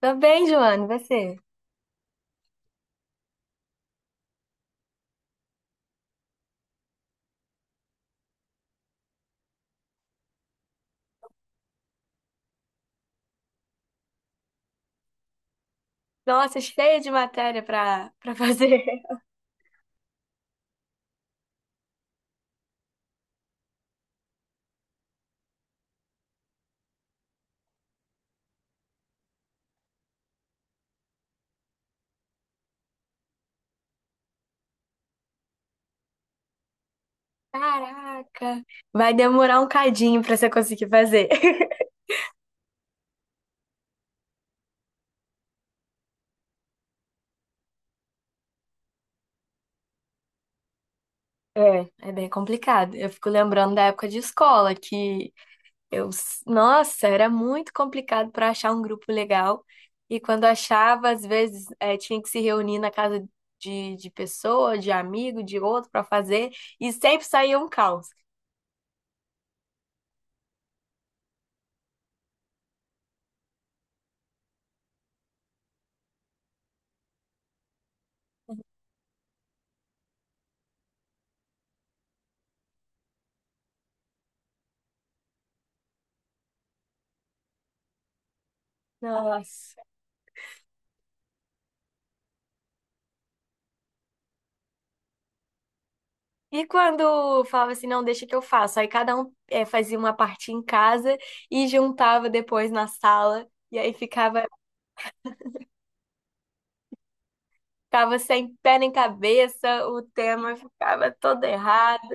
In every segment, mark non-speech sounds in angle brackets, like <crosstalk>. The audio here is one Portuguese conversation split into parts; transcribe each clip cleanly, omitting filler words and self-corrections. Tô bem, Joana, e você? Nossa, cheia de matéria pra fazer. <laughs> Caraca! Vai demorar um cadinho pra você conseguir fazer. <laughs> É, é bem complicado. Eu fico lembrando da época de escola, que eu, nossa, era muito complicado pra achar um grupo legal. E quando achava, às vezes, tinha que se reunir na casa de pessoa, de amigo, de outro pra fazer, e sempre saía um caos. Nossa. E quando falava assim, não, deixa que eu faço. Aí cada um fazia uma parte em casa e juntava depois na sala. E aí ficava, ficava sem pé nem cabeça, o tema ficava todo errado.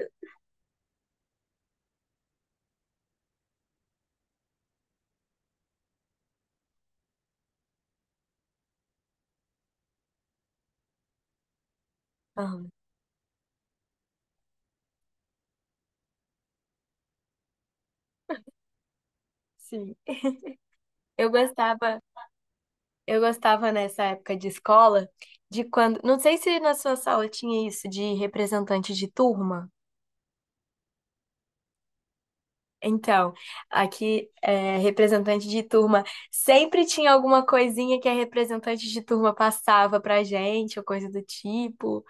Ah, sim. Eu gostava, eu gostava nessa época de escola, de quando. Não sei se na sua sala tinha isso de representante de turma. Então, aqui é representante de turma. Sempre tinha alguma coisinha que a representante de turma passava pra gente, ou coisa do tipo.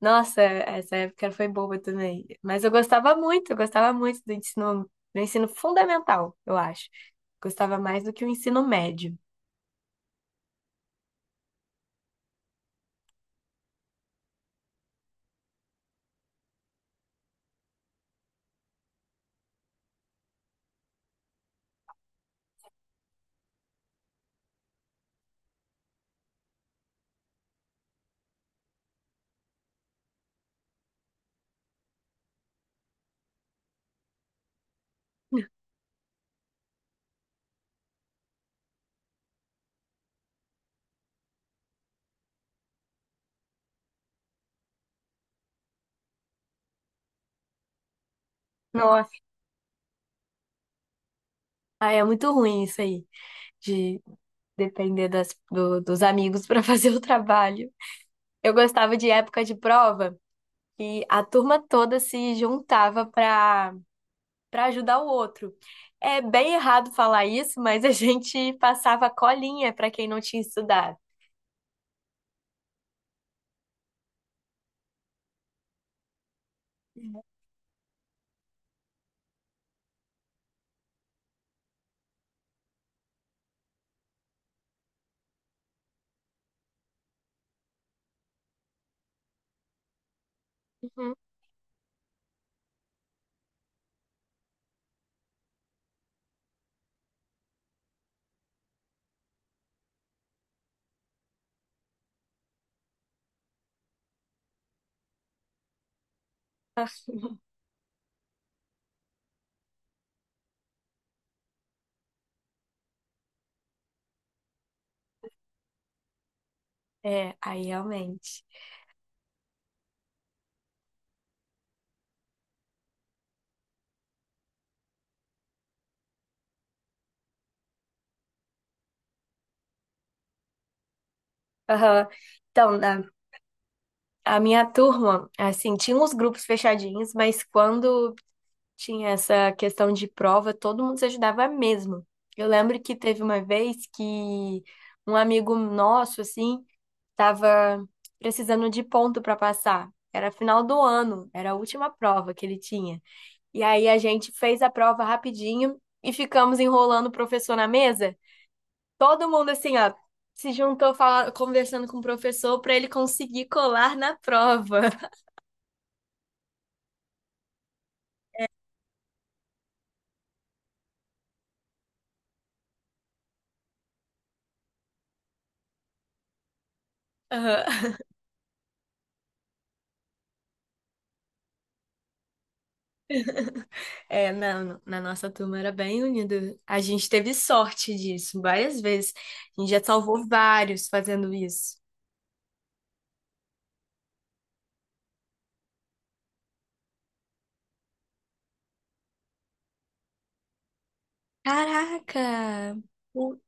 Nossa, essa época foi boa também. Mas eu gostava muito do ensino fundamental, eu acho. Gostava mais do que o ensino médio. Nossa, ah, é muito ruim isso aí, de depender das, dos amigos para <laughs> fazer o trabalho. Eu gostava de época de prova. E a turma toda se juntava para ajudar o outro. É bem errado falar isso, mas a <laughs> gente passava colinha para quem não tinha estudado. Uhum. É, aí realmente. Aham. Então, na, a minha turma, assim, tinha uns grupos fechadinhos, mas quando tinha essa questão de prova, todo mundo se ajudava mesmo. Eu lembro que teve uma vez que um amigo nosso, assim, tava precisando de ponto para passar. Era final do ano, era a última prova que ele tinha. E aí a gente fez a prova rapidinho e ficamos enrolando o professor na mesa. Todo mundo assim, ó, se juntou conversando com o professor para ele conseguir colar na prova. Aham. <laughs> É, na, na nossa turma era bem unida. A gente teve sorte disso várias vezes. A gente já salvou vários fazendo isso. Caraca! O-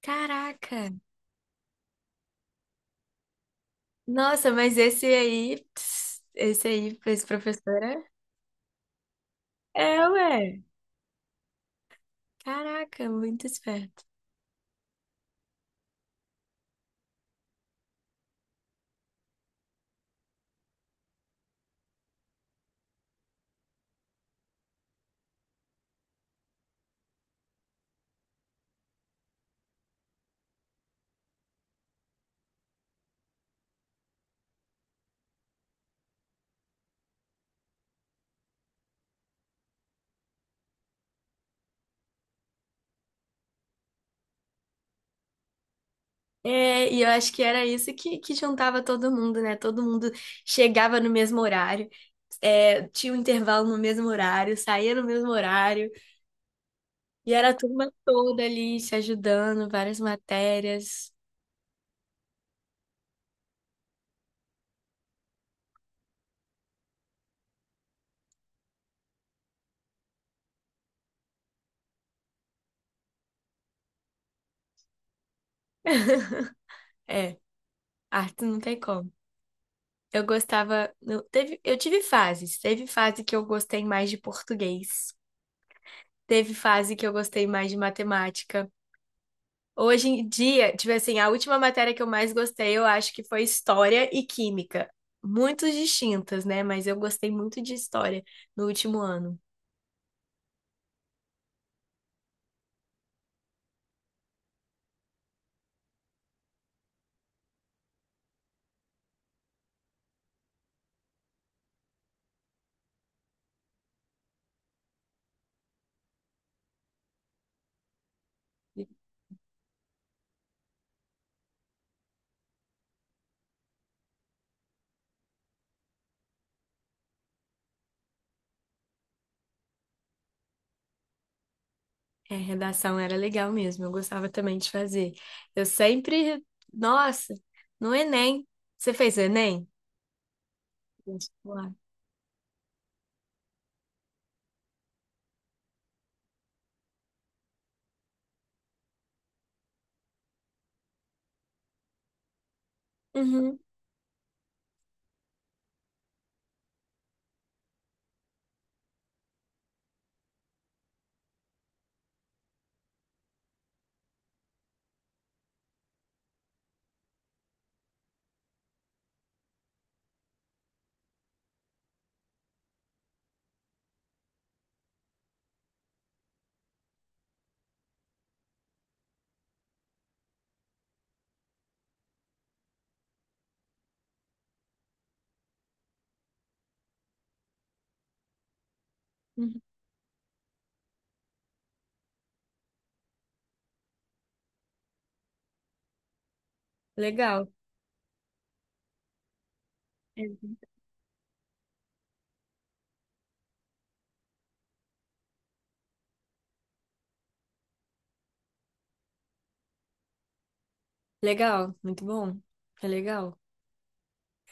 Caraca! Nossa, mas esse aí, pss, esse aí, esse professor é, é, ué. Caraca, muito esperto. É, e eu acho que era isso que juntava todo mundo, né? Todo mundo chegava no mesmo horário, é, tinha um intervalo no mesmo horário, saía no mesmo horário, e era a turma toda ali se ajudando, várias matérias. É, arte não tem como. Eu gostava. Eu, teve, eu tive fases. Teve fase que eu gostei mais de português, teve fase que eu gostei mais de matemática. Hoje em dia, tipo assim, a última matéria que eu mais gostei, eu acho que foi História e Química. Muito distintas, né? Mas eu gostei muito de História no último ano. É, redação era legal mesmo, eu gostava também de fazer. Eu sempre. Nossa, no Enem. Você fez o Enem? Vestibular. Uhum, uhum. Legal. É. Legal, muito bom. É legal.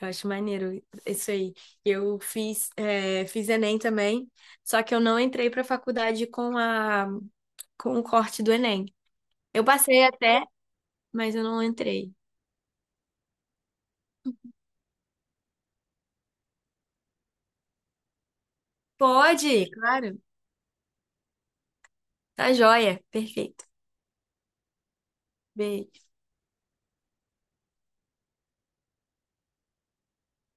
Eu acho maneiro isso aí. Eu fiz, é, fiz Enem também, só que eu não entrei para a faculdade com a, com o corte do Enem. Eu passei até, mas eu não entrei. Pode, claro. Tá joia. Perfeito. Beijo.